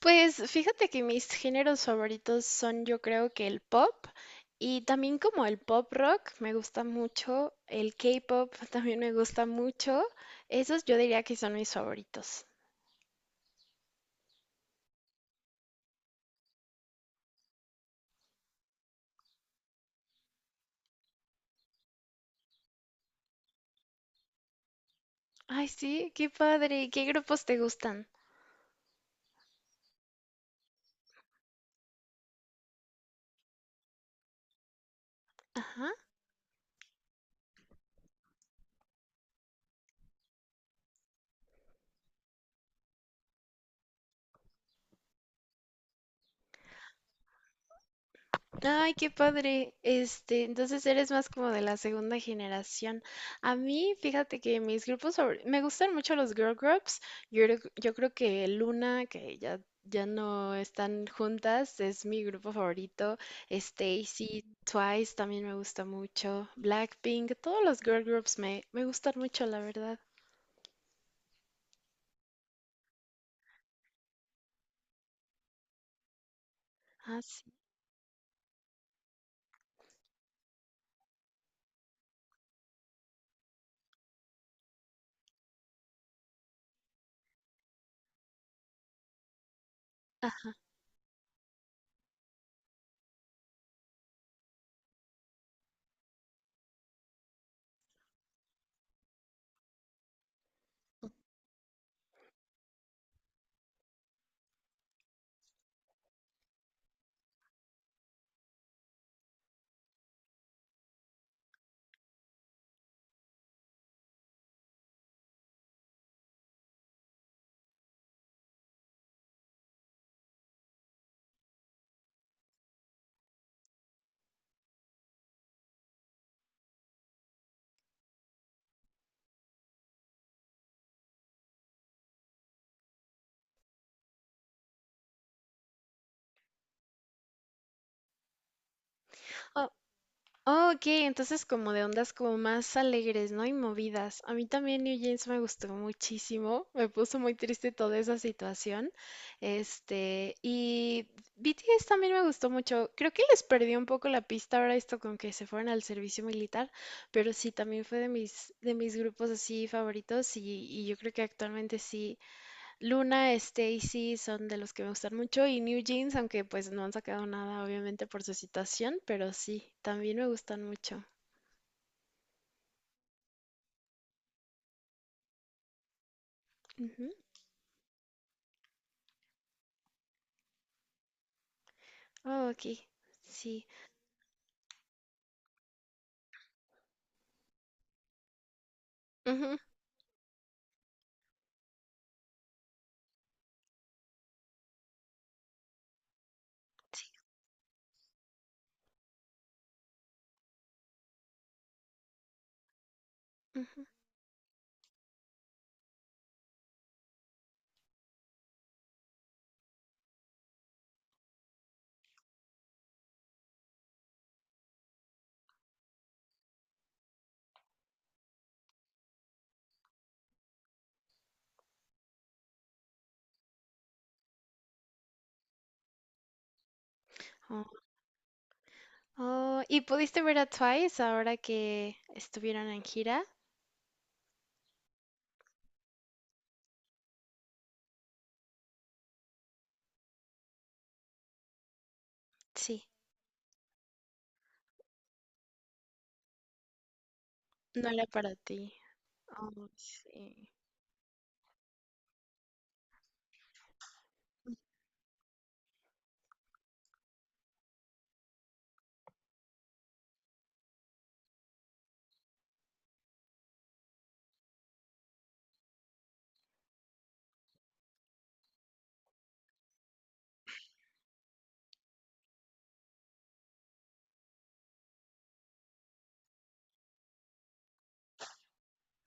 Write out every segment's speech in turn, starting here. Pues fíjate que mis géneros favoritos son yo creo que el pop y también como el pop rock me gusta mucho, el K-pop también me gusta mucho, esos yo diría que son mis favoritos. Ay, sí, qué padre, ¿qué grupos te gustan? Ajá. Ay, qué padre. Entonces eres más como de la segunda generación. A mí, fíjate que me gustan mucho los girl groups. Yo creo que Luna, que ya no están juntas, es mi grupo favorito. Stacy, Twice también me gusta mucho. Blackpink, todos los girl groups me gustan mucho, la verdad. Ah, sí. Ah. Oh. Oh, ok, entonces como de ondas como más alegres, ¿no? Y movidas. A mí también New Jeans me gustó muchísimo. Me puso muy triste toda esa situación. Y BTS también me gustó mucho. Creo que les perdí un poco la pista ahora esto con que se fueron al servicio militar, pero sí, también fue de mis grupos así favoritos y yo creo que actualmente sí. Luna, Stacy son de los que me gustan mucho y New Jeans, aunque pues no han sacado nada obviamente por su situación, pero sí, también me gustan mucho. Ujú. Oh, ok, sí. Ujú, sí, ujú. Oh, oh, ¿y pudiste ver a Twice ahora que estuvieron en gira? Sí, no era para ti. Oh, sí.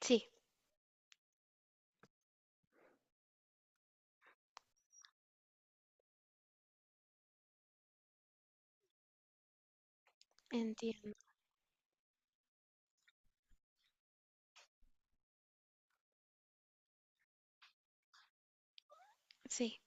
Sí, entiendo. Sí,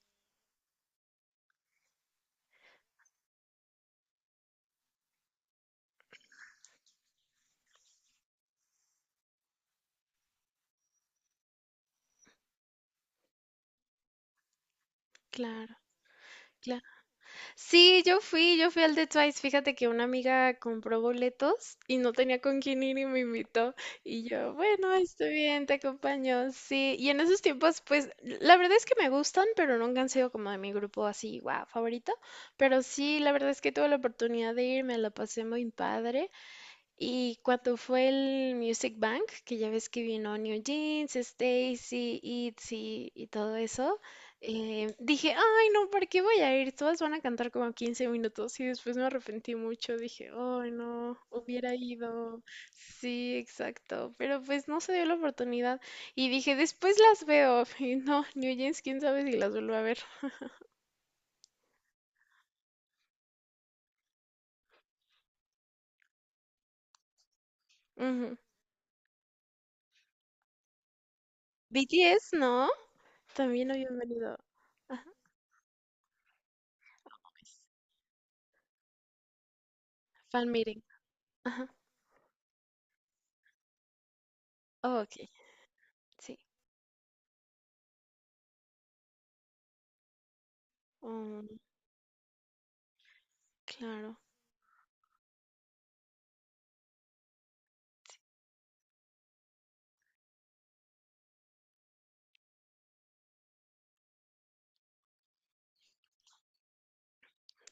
claro. Claro. Sí, yo fui al de Twice. Fíjate que una amiga compró boletos y no tenía con quién ir y me invitó. Y yo, bueno, estoy bien, te acompaño. Sí, y en esos tiempos, pues, la verdad es que me gustan, pero nunca han sido como de mi grupo así, wow, favorito. Pero sí, la verdad es que tuve la oportunidad de ir, me la pasé muy padre. Y cuando fue el Music Bank, que ya ves que vino New Jeans, Stacy, ITZY y todo eso, dije, ay, no, ¿para qué voy a ir? Todas van a cantar como 15 minutos y después me arrepentí mucho. Dije, ay, no, hubiera ido. Sí, exacto. Pero pues no se dio la oportunidad. Y dije, después las veo. Y no, New Jeans, quién sabe si las vuelvo a ver. Ujú. BTS, no, también habían venido. Ajá, pues, Fan meeting. Ajá. Oh, ok, sí. Oh, claro.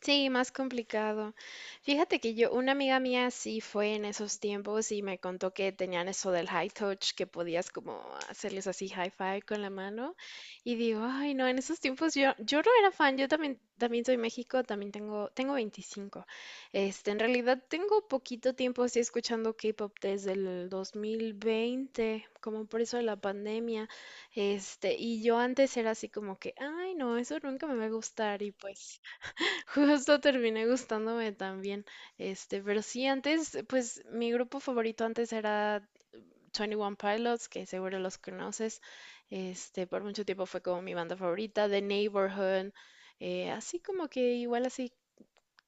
Sí, más complicado. Fíjate que yo, una amiga mía sí fue en esos tiempos y me contó que tenían eso del high touch, que podías como hacerles así high five con la mano. Y digo, ay, no, en esos tiempos yo no era fan, yo también soy México, también tengo 25. En realidad tengo poquito tiempo así escuchando K-pop desde el 2020, como por eso de la pandemia. Y yo antes era así como que, ay, no, eso nunca me va a gustar y pues. Justo terminé gustándome también. Pero sí, antes, pues mi grupo favorito antes era Twenty One Pilots, que seguro los conoces. Por mucho tiempo fue como mi banda favorita, The Neighborhood, así como que igual así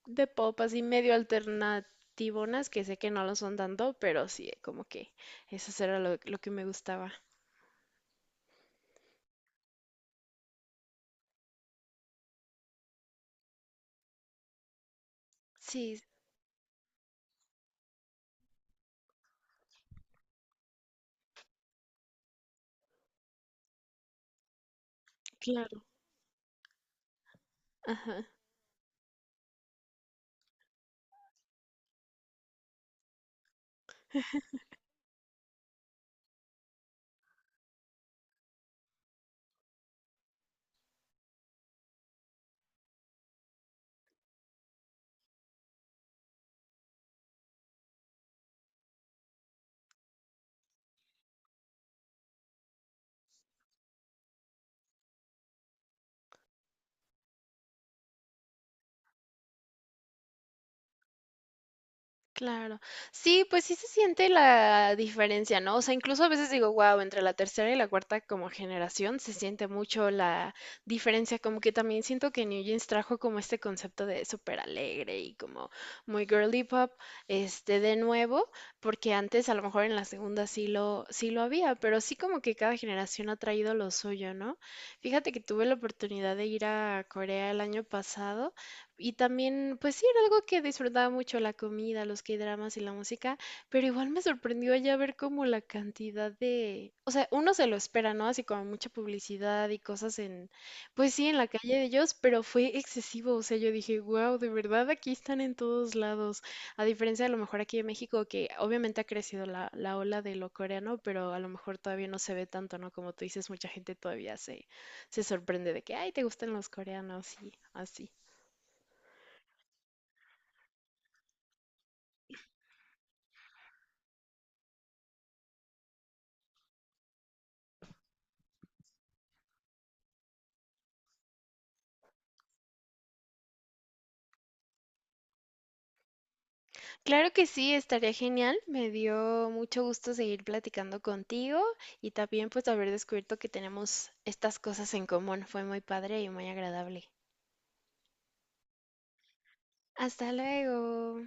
de pop, así medio alternativonas, que sé que no lo son tanto, pero sí, como que eso era lo que me gustaba. Sí, claro. Ajá. Claro. Sí, pues sí se siente la diferencia, ¿no? O sea, incluso a veces digo, wow, entre la tercera y la cuarta como generación se siente mucho la diferencia, como que también siento que New Jeans trajo como este concepto de súper alegre y como muy girly pop, de nuevo, porque antes a lo mejor en la segunda sí lo había, pero sí como que cada generación ha traído lo suyo, ¿no? Fíjate que tuve la oportunidad de ir a Corea el año pasado. Y también, pues sí, era algo que disfrutaba mucho, la comida, los K-dramas y la música, pero igual me sorprendió allá ver como la cantidad de, o sea, uno se lo espera, ¿no? Así como mucha publicidad y cosas en, pues sí, en la calle de ellos, pero fue excesivo, o sea, yo dije, wow, de verdad aquí están en todos lados, a diferencia de a lo mejor aquí en México, que obviamente ha crecido la ola de lo coreano, pero a lo mejor todavía no se ve tanto, ¿no? Como tú dices, mucha gente todavía se sorprende de que, ay, te gustan los coreanos y así. Claro que sí, estaría genial. Me dio mucho gusto seguir platicando contigo y también pues haber descubierto que tenemos estas cosas en común. Fue muy padre y muy agradable. Hasta luego.